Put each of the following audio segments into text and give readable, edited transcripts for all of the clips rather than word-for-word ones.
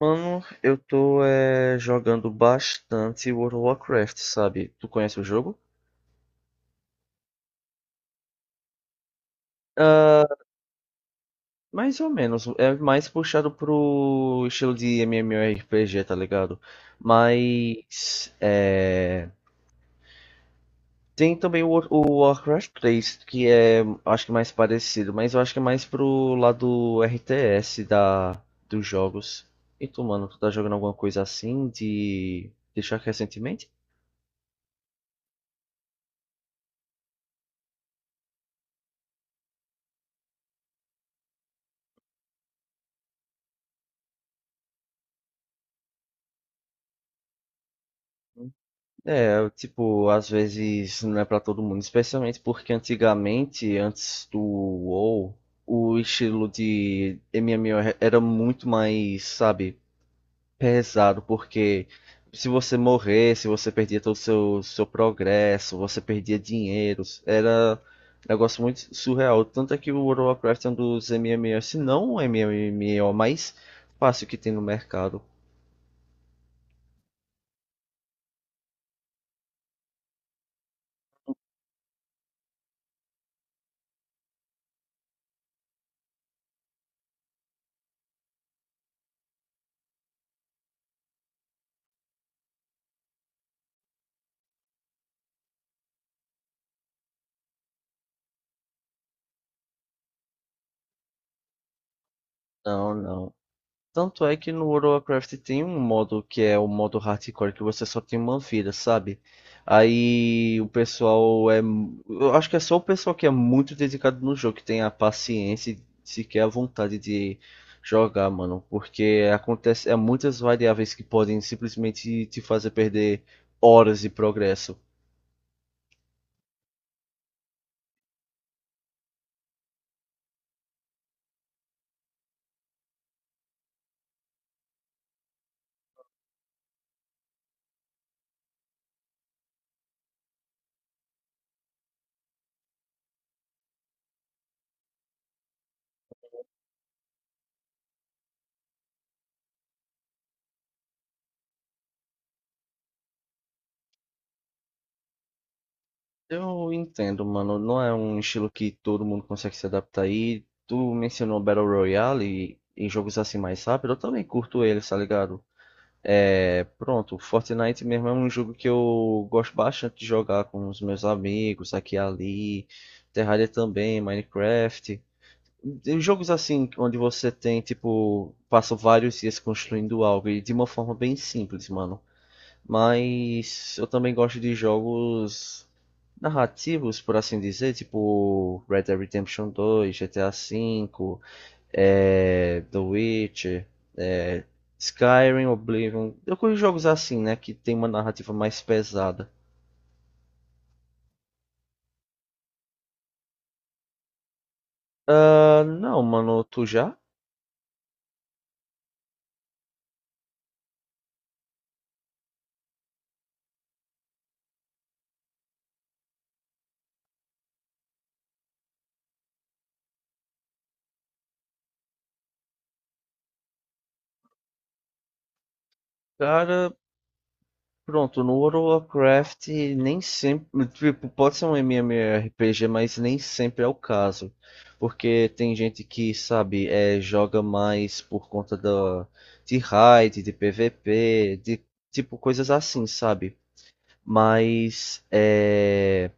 Mano, eu tô jogando bastante World of Warcraft, sabe? Tu conhece o jogo? Ah, mais ou menos. É mais puxado pro estilo de MMORPG, tá ligado? Mas tem também o Warcraft 3, que é, acho que mais parecido, mas eu acho que é mais pro lado RTS da, dos jogos. E tu, mano, tu tá jogando alguma coisa assim de deixar recentemente? É, eu, tipo, às vezes não é pra todo mundo, especialmente porque antigamente, antes do WoW, o estilo de MMO era muito mais, sabe, pesado, porque se você perdia todo o seu progresso, você perdia dinheiro. Era um negócio muito surreal. Tanto é que o World of Warcraft é um dos MMOs, se não o MMO mais fácil que tem no mercado. Não, não. Tanto é que no World of Warcraft tem um modo que é o modo hardcore, que você só tem uma vida, sabe? Aí o pessoal é. Eu acho que é só o pessoal que é muito dedicado no jogo, que tem a paciência e sequer a vontade de jogar, mano. Porque acontece, é muitas variáveis que podem simplesmente te fazer perder horas de progresso. Eu entendo, mano. Não é um estilo que todo mundo consegue se adaptar. E tu mencionou Battle Royale e em jogos assim mais rápido. Eu também curto eles, tá ligado? É, pronto, Fortnite mesmo é um jogo que eu gosto bastante de jogar com os meus amigos, aqui e ali. Terraria também, Minecraft. Tem jogos assim, onde você tem, tipo, passa vários dias construindo algo e de uma forma bem simples, mano. Mas eu também gosto de jogos narrativos, por assim dizer, tipo Red Dead Redemption 2, GTA V, The Witcher, é, Skyrim, Oblivion. Eu curto jogos assim, né? Que tem uma narrativa mais pesada. Ah, não, mano, tu já? Cara, pronto, no World of Warcraft nem sempre, tipo, pode ser um MMORPG, mas nem sempre é o caso, porque tem gente que, sabe, joga mais por conta de raid, de PVP, de tipo coisas assim, sabe? Mas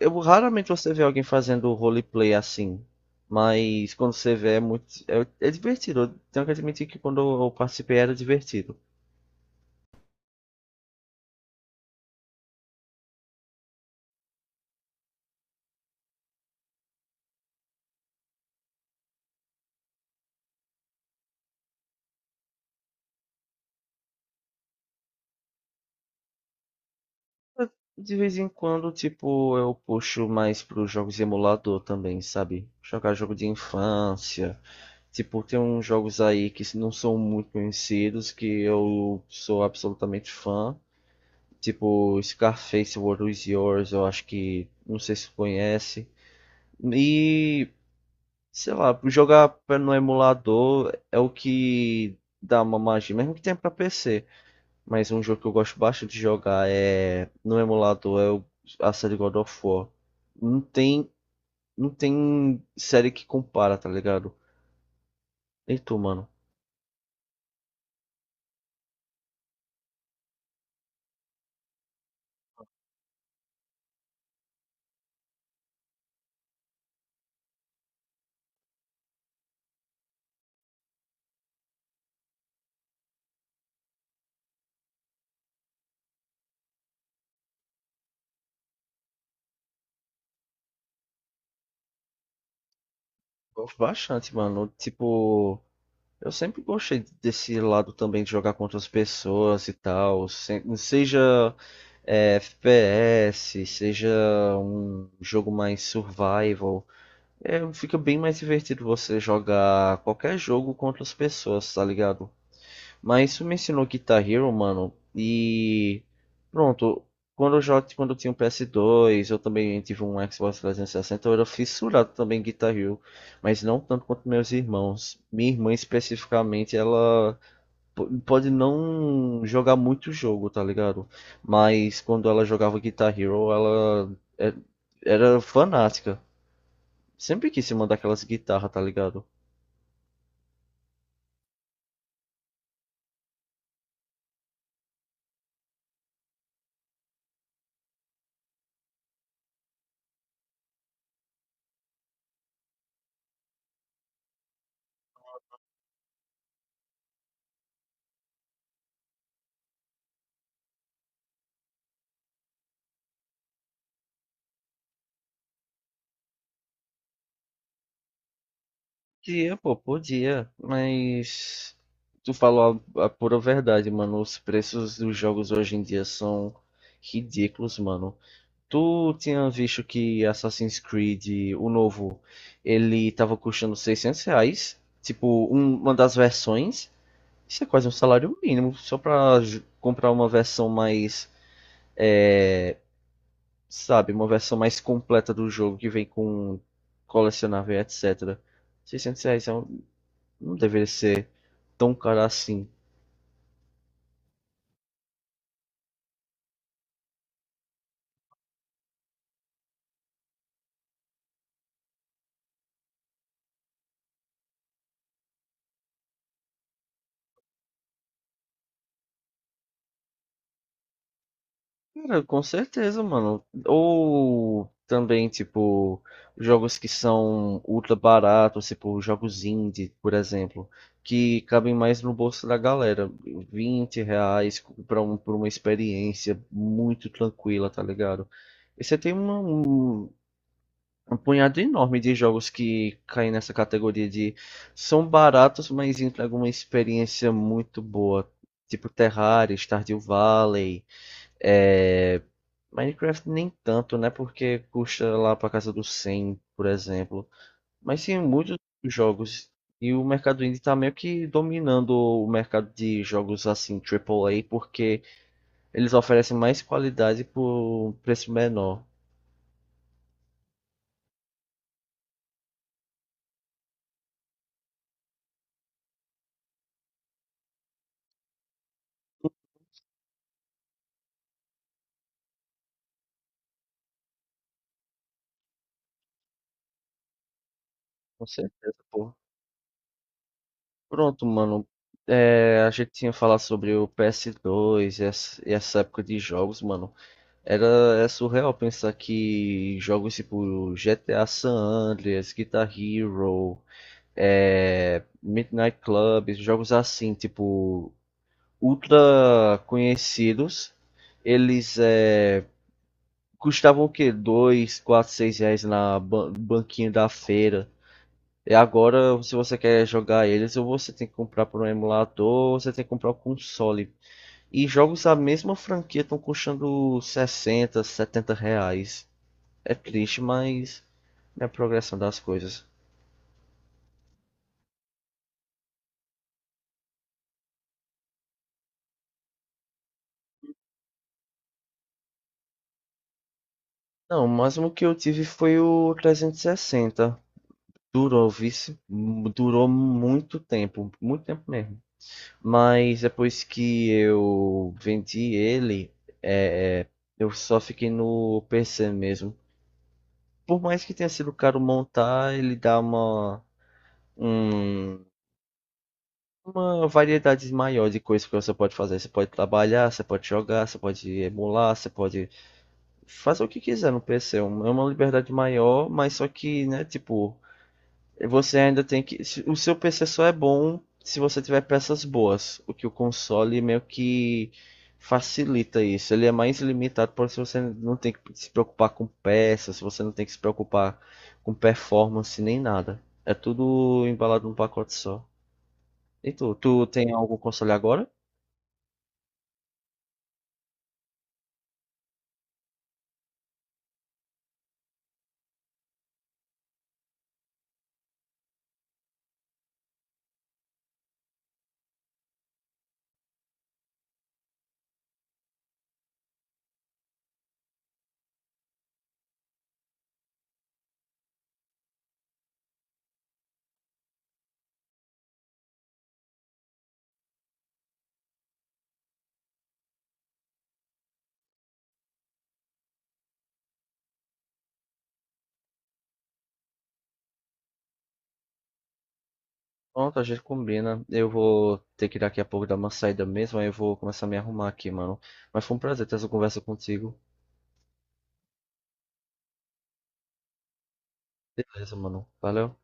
eu raramente você vê alguém fazendo roleplay assim, mas quando você vê é muito, é divertido. Eu tenho que admitir que quando eu participei era divertido. De vez em quando, tipo, eu puxo mais pros jogos de emulador também, sabe? Jogar jogo de infância. Tipo, tem uns jogos aí que não são muito conhecidos, que eu sou absolutamente fã. Tipo, Scarface, World Is Yours, eu acho que, não sei se tu conhece. E, sei lá, jogar no emulador é o que dá uma magia, mesmo que tenha pra PC. Mas um jogo que eu gosto bastante de jogar é no emulador a série God of War. Não tem, não tem série que compara, tá ligado? E tu, mano? Gosto bastante, mano. Tipo, eu sempre gostei desse lado também de jogar contra as pessoas e tal. Seja FPS, seja um jogo mais survival. É, fica bem mais divertido você jogar qualquer jogo contra as pessoas, tá ligado? Mas isso me ensinou Guitar Hero, mano. E pronto, quando eu tinha um PS2, eu também tive um Xbox 360, eu era fissurado também em Guitar Hero, mas não tanto quanto meus irmãos. Minha irmã especificamente, ela pode não jogar muito jogo, tá ligado? Mas quando ela jogava Guitar Hero, ela é- era fanática. Sempre quis se mandar aquelas guitarras, tá ligado? Podia, pô, podia, mas tu falou a pura verdade, mano. Os preços dos jogos hoje em dia são ridículos, mano. Tu tinha visto que Assassin's Creed, o novo, ele tava custando R$ 600, tipo, uma das versões. Isso é quase um salário mínimo, só pra comprar uma versão mais, sabe, uma versão mais completa do jogo, que vem com colecionável, etc. Seiscentos reais não deveria ser. Tão um cara assim. Cara, com certeza, mano. Ou também, tipo, jogos que são ultra baratos, tipo, jogos indie, por exemplo, que cabem mais no bolso da galera. Vinte reais pra, pra uma experiência muito tranquila, tá ligado? E você tem um punhado enorme de jogos que caem nessa categoria de são baratos, mas entregam uma experiência muito boa. Tipo Terraria, Stardew Valley, é, Minecraft nem tanto, né? Porque custa lá pra casa dos 100, por exemplo. Mas sim, muitos jogos. E o mercado indie tá meio que dominando o mercado de jogos assim, triplo A, porque eles oferecem mais qualidade por um preço menor. Com certeza, pô. Pronto, mano. É, a gente tinha falado sobre o PS2 e essa época de jogos, mano. É surreal pensar que jogos tipo GTA San Andreas, Guitar Hero, Midnight Club, jogos assim, tipo, ultra conhecidos, eles custavam o quê? 2, 4, R$ 6 na banquinha da feira. E agora, se você quer jogar eles, ou você tem que comprar por um emulador, ou você tem que comprar o um console. E jogos da mesma franquia estão custando R$ 60, R$ 70. É triste, mas é a progressão das coisas. Não, o máximo que eu tive foi o 360. Durou, vice, Durou muito tempo mesmo. Mas depois que eu vendi ele, é, é, eu só fiquei no PC mesmo. Por mais que tenha sido caro montar, ele dá um- uma variedade maior de coisas que você pode fazer. Você pode trabalhar, você pode jogar, você pode emular, você pode fazer o que quiser no PC. É uma liberdade maior, mas só que, né, tipo, você ainda tem que. O seu PC só é bom se você tiver peças boas. O que o console meio que facilita isso. Ele é mais limitado por se você não tem que se preocupar com peças, você não tem que se preocupar com performance nem nada. É tudo embalado num pacote só. E tu, tem algum console agora? Pronto, a gente combina. Eu vou ter que daqui a pouco dar uma saída mesmo, aí eu vou começar a me arrumar aqui, mano. Mas foi um prazer ter essa conversa contigo. Beleza, mano. Valeu.